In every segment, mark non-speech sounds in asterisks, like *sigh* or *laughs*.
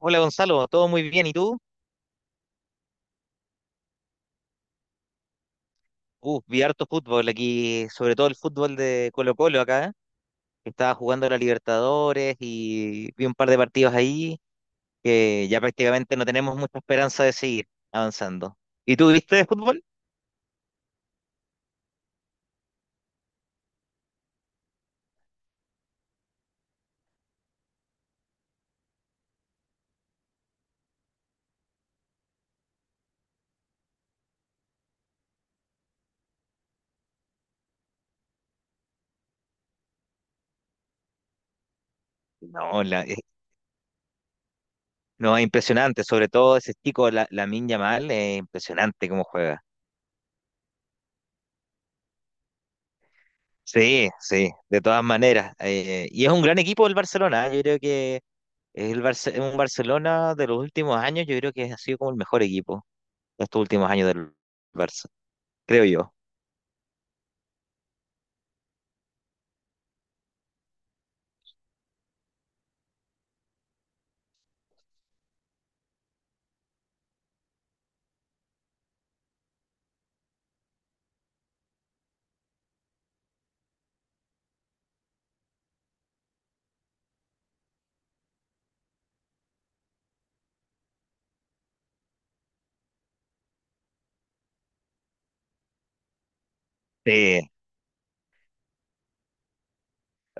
Hola Gonzalo, todo muy bien, ¿y tú? Vi harto fútbol aquí, sobre todo el fútbol de Colo-Colo acá, que estaba jugando la Libertadores y vi un par de partidos ahí que ya prácticamente no tenemos mucha esperanza de seguir avanzando. ¿Y tú viste de fútbol? No, no, es impresionante, sobre todo ese chico, Lamine Yamal, es impresionante cómo juega. Sí, sí, de todas maneras. Y es un gran equipo el Barcelona, ¿eh? Yo creo que es un Barcelona de los últimos años, yo creo que ha sido como el mejor equipo. Estos últimos años del Barça, creo yo. Sí,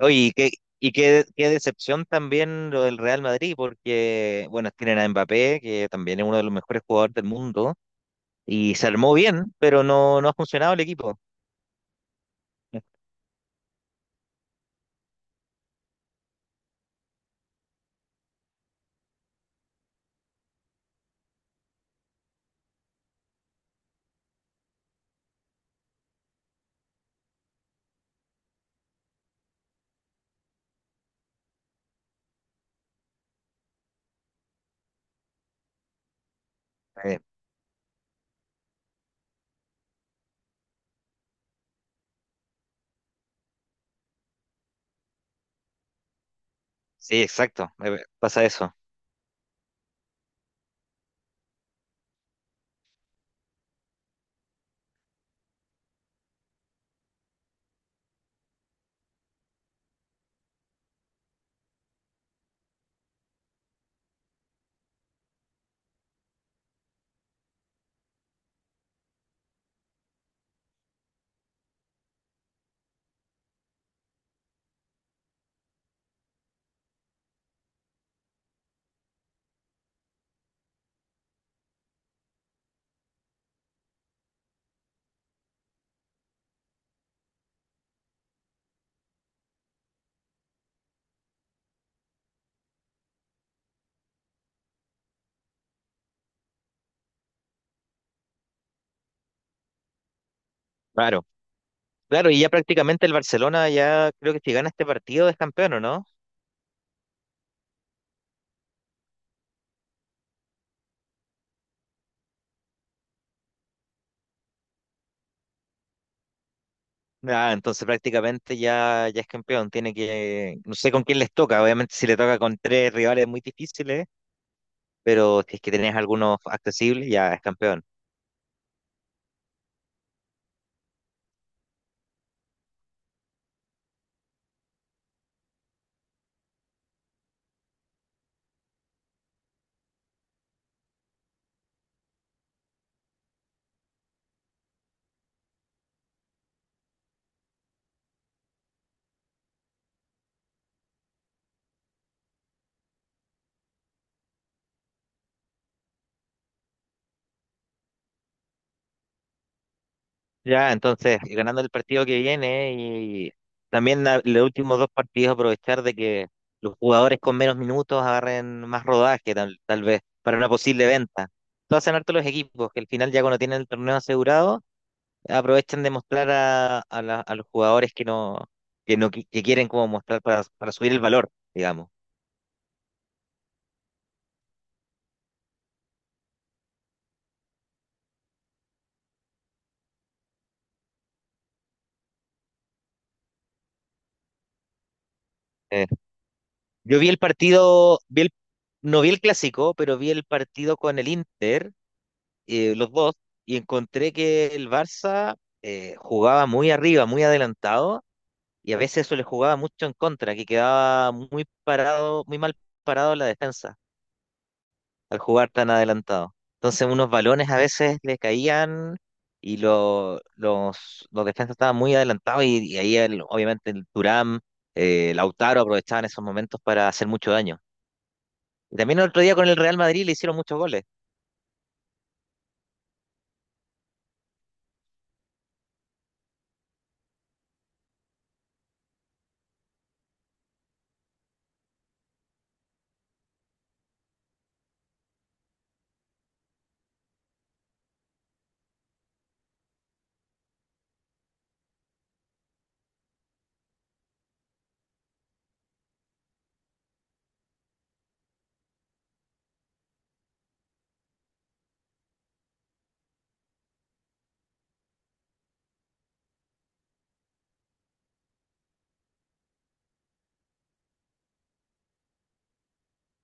oye, qué decepción también lo del Real Madrid, porque, bueno, tienen a Mbappé, que también es uno de los mejores jugadores del mundo, y se armó bien, pero no, no ha funcionado el equipo. Eh, sí, exacto, pasa eso. Claro, claro, y ya prácticamente el Barcelona ya creo que si gana este partido es campeón, ¿o no? Ah, entonces prácticamente ya, ya es campeón, tiene que, no sé con quién les toca, obviamente si le toca con tres rivales muy difíciles, pero si es que tenés algunos accesibles, ya es campeón. Ya, entonces, ganando el partido que viene y también los últimos dos partidos, aprovechar de que los jugadores con menos minutos agarren más rodaje, tal vez, para una posible venta. Entonces, hacen harto los equipos que al final, ya cuando tienen el torneo asegurado, aprovechan de mostrar a los jugadores que no qui- que quieren como mostrar para subir el valor, digamos. Eh, yo vi el partido, no vi el clásico, pero vi el partido con el Inter, los dos, y encontré que el Barça jugaba muy arriba, muy adelantado, y a veces eso le jugaba mucho en contra, que quedaba muy parado, muy mal parado la defensa al jugar tan adelantado. Entonces unos balones a veces le caían y los defensas estaban muy adelantados y ahí obviamente el Thuram, Lautaro aprovechaban esos momentos para hacer mucho daño. Y también el otro día con el Real Madrid le hicieron muchos goles.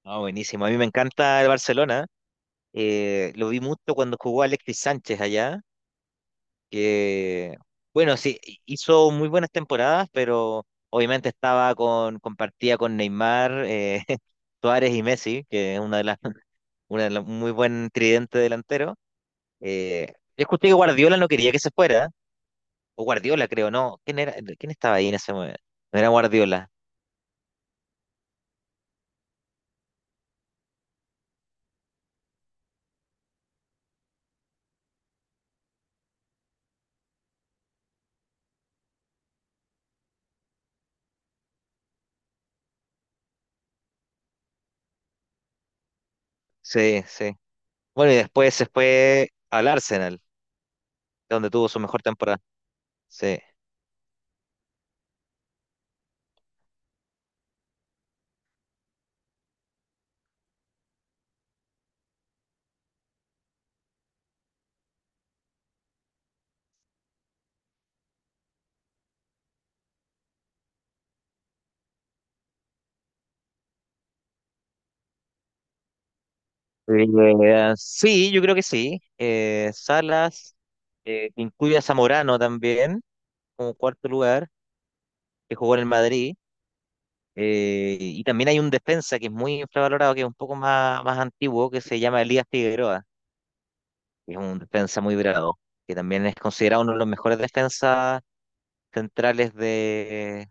Ah, buenísimo. A mí me encanta el Barcelona. Lo vi mucho cuando jugó Alexis Sánchez allá, que, bueno, sí, hizo muy buenas temporadas, pero obviamente compartía con Neymar, *laughs* Suárez y Messi, que es un muy buen tridente delantero. Eh, yo escuché que Guardiola no quería que se fuera, o Guardiola, creo, ¿no? ¿Quién era, quién estaba ahí en ese momento? No era Guardiola, sí, sí. Bueno, y después se fue al Arsenal, donde tuvo su mejor temporada. Sí. Sí, yo creo que sí. Salas, incluye a Zamorano también como cuarto lugar, que jugó en el Madrid. Y también hay un defensa que es muy infravalorado, que es un poco más antiguo, que se llama Elías Figueroa, que es un defensa muy bravo, que también es considerado uno de los mejores defensas centrales de,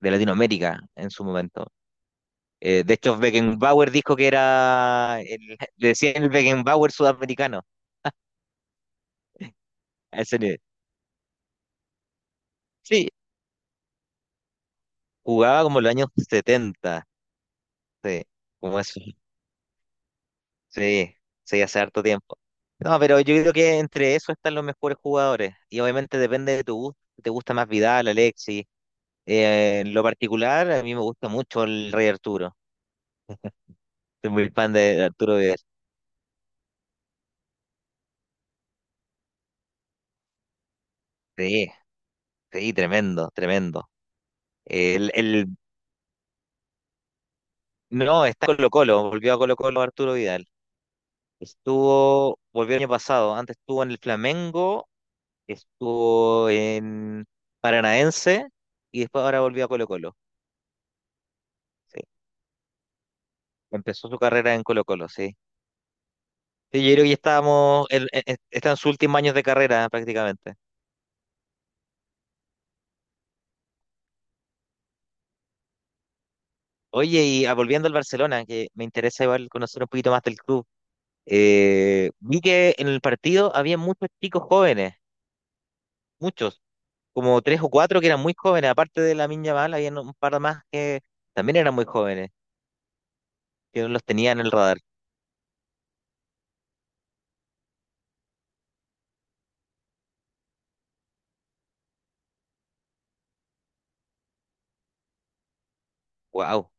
de Latinoamérica en su momento. De hecho, Beckenbauer dijo que era, *laughs* le decían el Beckenbauer sudamericano, a ese nivel. Sí, jugaba como en los años 70, sí, como eso. Sí, sí, hace harto tiempo. No, pero yo creo que entre eso están los mejores jugadores. Y obviamente depende de tu gusto. Si, ¿te gusta más Vidal, Alexis? En lo particular, a mí me gusta mucho el Rey Arturo. Soy muy fan de Arturo Vidal. Sí, sí, tremendo, tremendo. El, el, no, está en Colo-Colo, volvió a Colo-Colo Arturo Vidal. Volvió el año pasado, antes estuvo en el Flamengo, estuvo en Paranaense y después ahora volvió a Colo-Colo. Sí. Empezó su carrera en Colo-Colo, sí. Sí, yo creo que ya él, está en sus últimos años de carrera, prácticamente. Oye, y volviendo al Barcelona, que me interesa igual conocer un poquito más del club. Vi que en el partido había muchos chicos jóvenes, muchos, como tres o cuatro que eran muy jóvenes, aparte de la Miña había un par más que también eran muy jóvenes, que no los tenía en el radar. Wow.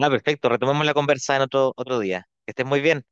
Ah, perfecto. Retomemos la conversa en otro día. Que estés muy bien.